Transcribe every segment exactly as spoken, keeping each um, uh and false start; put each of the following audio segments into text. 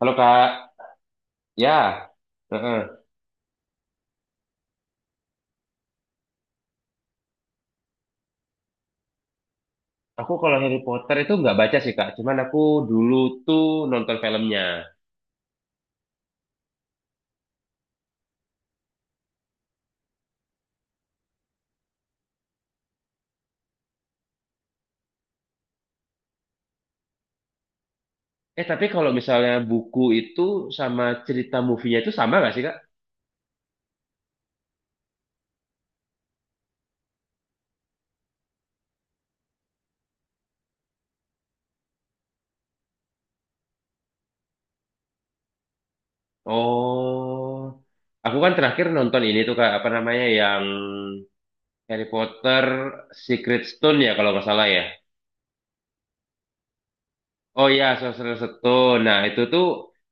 Halo Kak, ya, heeh. Aku kalau Harry Potter itu nggak baca sih Kak, cuman aku dulu tuh nonton filmnya. Eh tapi kalau misalnya buku itu sama cerita movie-nya itu sama nggak sih Kak? Oh, aku kan terakhir nonton ini tuh Kak, apa namanya yang Harry Potter Secret Stone ya kalau nggak salah ya. Oh iya, Sorcerer Stone. Nah, itu tuh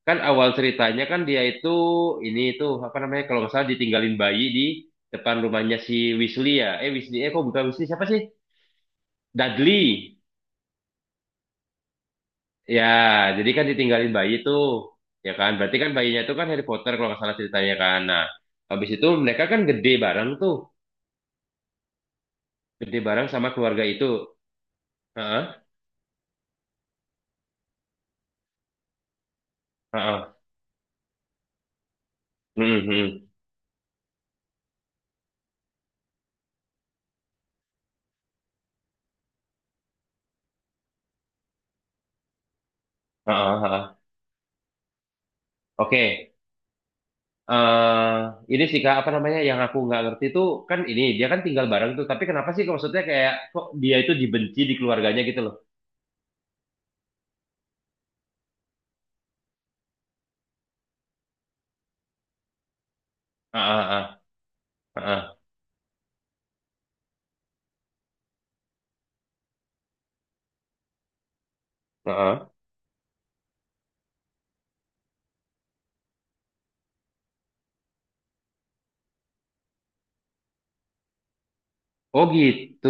kan awal ceritanya kan dia itu ini tuh apa namanya kalau nggak salah ditinggalin bayi di depan rumahnya si Weasley ya. Eh Weasley, eh kok bukan Weasley siapa sih? Dudley. Ya, jadi kan ditinggalin bayi tuh. Ya kan, berarti kan bayinya itu kan Harry Potter kalau nggak salah ceritanya kan. Nah, habis itu mereka kan gede bareng tuh, gede bareng sama keluarga itu. Heeh, heeh. Mm-hmm. Heeh, heeh. Oke. eh ini sih kak, apa namanya yang aku nggak ngerti tuh, kan ini dia kan tinggal bareng tuh tapi kenapa sih kok maksudnya kayak kok dia itu dibenci di keluarganya gitu loh? Ah, ah, ah, ah, ah, ah. Oh gitu.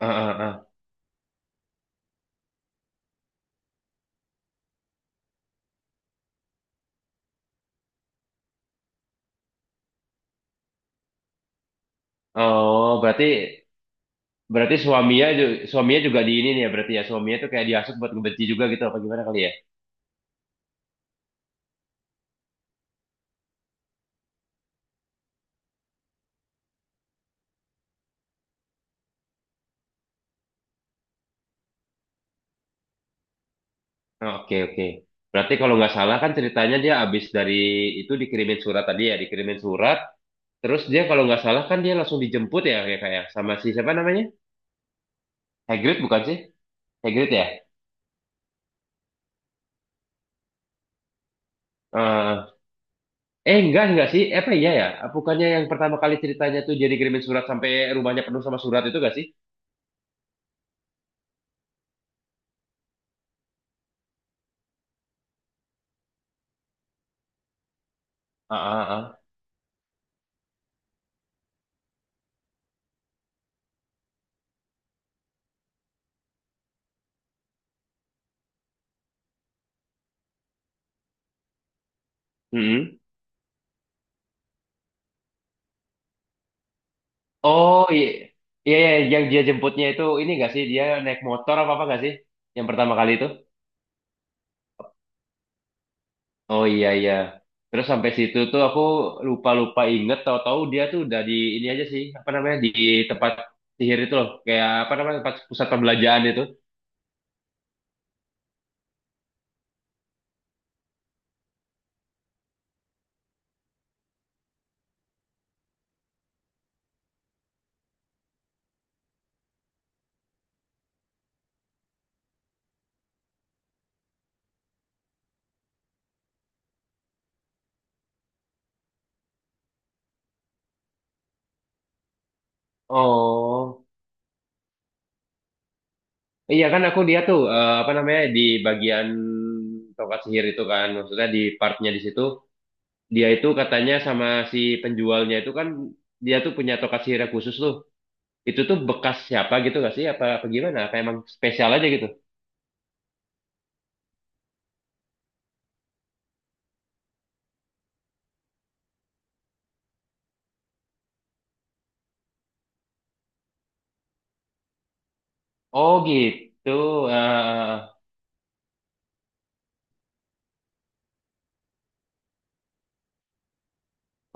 Ah, ah, ah. Oh, berarti berarti suaminya ju- suaminya juga di ini nih ya berarti ya, suaminya tuh kayak dihasut buat ngebenci juga gitu apa gimana kali ya? Oh, oke, oke, berarti kalau nggak salah kan ceritanya dia abis dari itu dikirimin surat tadi ya, dikirimin surat. Terus dia kalau nggak salah kan dia langsung dijemput ya, kayak kayak sama si siapa namanya? Hagrid bukan sih? Hagrid ya? Eh, eh enggak enggak sih? Apa iya ya? Bukannya yang pertama kali ceritanya tuh dia dikirimin surat sampai rumahnya penuh sama surat itu enggak sih? Ah, ah, ah. Mm-mm. Oh iya. Iya, iya, yang dia jemputnya itu ini enggak sih? Dia naik motor apa apa enggak sih? Yang pertama kali itu? Oh iya iya. Terus sampai situ tuh aku lupa-lupa inget tahu-tahu dia tuh udah di ini aja sih, apa namanya? Di tempat sihir itu loh, kayak apa namanya? Tempat pusat pembelanjaan itu. Oh. Iya kan aku dia tuh eh, apa namanya di bagian tongkat sihir itu kan maksudnya di partnya di situ dia itu katanya sama si penjualnya itu kan dia tuh punya tongkat sihir yang khusus tuh itu tuh bekas siapa gitu gak sih, apa apa gimana, apa emang spesial aja gitu? Oh gitu. eh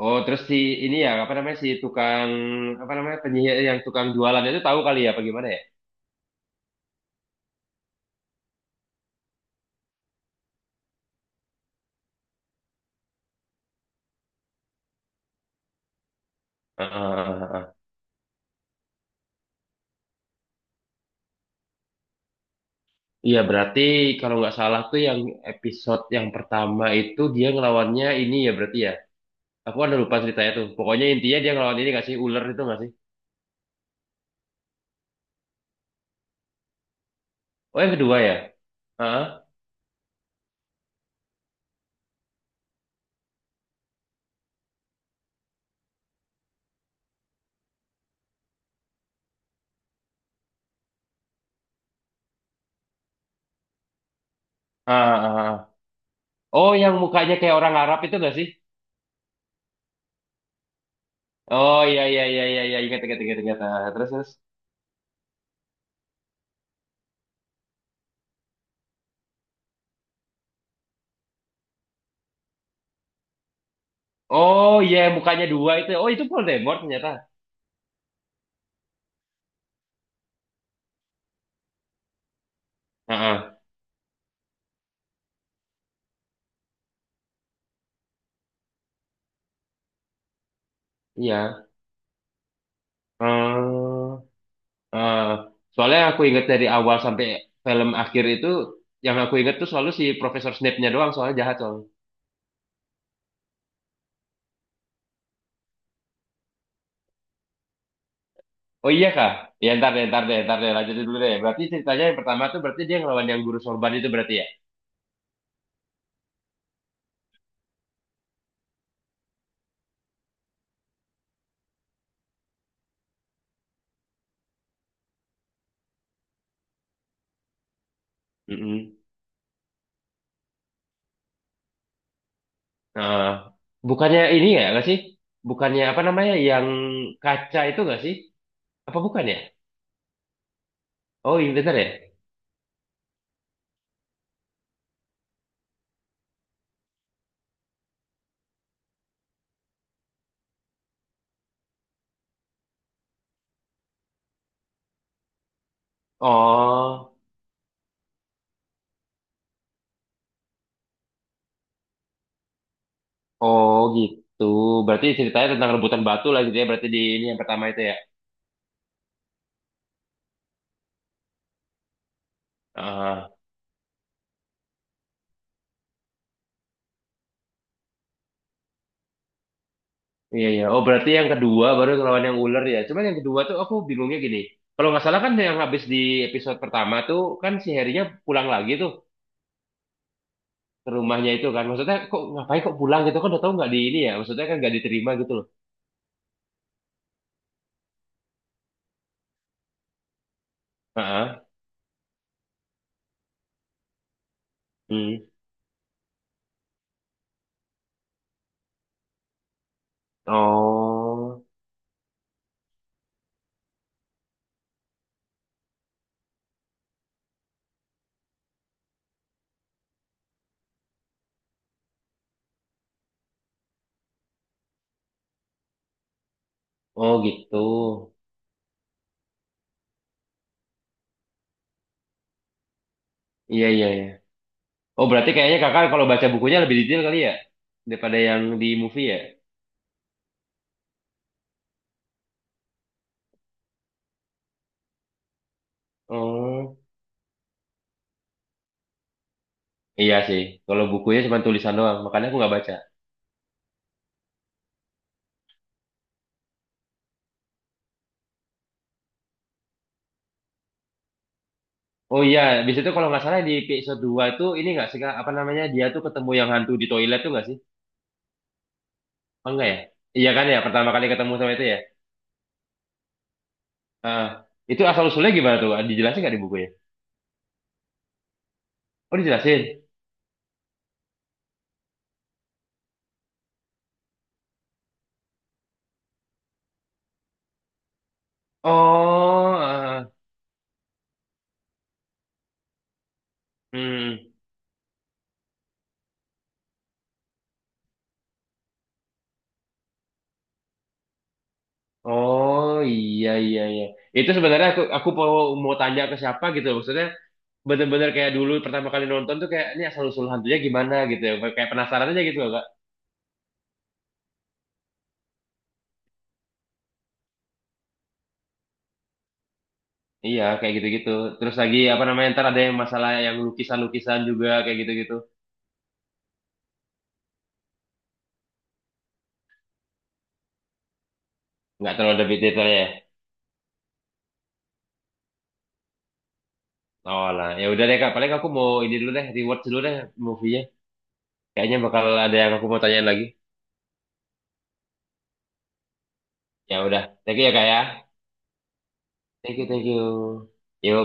oh, terus si ini ya apa namanya si tukang apa namanya penyihir yang tukang jualan itu tahu kali ya apa gimana ya? Heeh. Iya, berarti kalau nggak salah tuh yang episode yang pertama itu dia ngelawannya ini ya berarti ya. Aku ada lupa ceritanya tuh. Pokoknya intinya dia ngelawan ini nggak sih ular itu nggak sih? Oh yang kedua ya? Heeh. Ah, ah, ah. Oh yang mukanya kayak orang Arab itu nggak sih? Oh iya, iya, iya, iya, iya, ingat, ingat, ingat, ingat. Ah, terus terus. Oh iya yang mukanya dua itu. Oh itu Voldemort ternyata. Ah, ah. Iya. Hmm, ah. Soalnya aku ingat dari awal sampai film akhir itu yang aku ingat tuh selalu si Profesor Snape-nya doang soalnya jahat soalnya. Oh iya kak, ya ntar deh, ntar deh, ntar deh, lanjutin dulu deh. Berarti ceritanya yang pertama tuh berarti dia ngelawan yang guru sorban itu berarti ya? Mm-mm. Nah, bukannya ini ya nggak sih? Bukannya apa namanya yang kaca itu nggak sih? Apa bukan ya? Oh iya bener ya? Oh, oh gitu. Berarti ceritanya tentang rebutan batu lah gitu ya. Berarti di ini yang pertama itu ya? Ah, iya iya. Oh berarti yang kedua baru ngelawan yang ular ya. Cuman yang kedua tuh aku bingungnya gini. Kalau nggak salah kan yang habis di episode pertama tuh kan si Harry-nya pulang lagi tuh. Ke rumahnya itu kan maksudnya kok ngapain kok pulang gitu kan udah tahu nggak di ini ya maksudnya kan nggak diterima gitu loh. Heeh. Hmm. Oh, oh gitu, iya, iya, iya. Oh berarti kayaknya kakak kalau baca bukunya lebih detail kali ya daripada yang di movie ya. Oh iya sih, kalau bukunya cuma tulisan doang makanya aku nggak baca. Oh iya, di situ kalau nggak salah di episode dua itu ini nggak sih Kak? Apa namanya dia tuh ketemu yang hantu di toilet tuh nggak sih apa enggak ya? Iya kan ya pertama kali ketemu sama itu ya? Heeh. Itu asal usulnya gimana tuh dijelasin nggak di buku ya? Oh, dijelasin. Oh, eh, hmm. Oh, iya iya iya. Itu sebenarnya aku aku mau mau tanya ke siapa gitu. Maksudnya bener-bener kayak dulu pertama kali nonton tuh kayak ini asal usul hantunya gimana gitu ya. Kayak penasaran aja gitu loh, Kak. Iya, kayak gitu-gitu. Terus lagi apa namanya ntar ada yang masalah yang lukisan-lukisan juga kayak gitu-gitu. Nggak terlalu lebih detail detailnya ya. Oh lah, ya udah deh Kak. Paling aku mau ini dulu deh, reward dulu deh movie-nya. Kayaknya bakal ada yang aku mau tanyain lagi. Ya udah. Thank you ya Kak ya. Thank you, thank you. Yuk.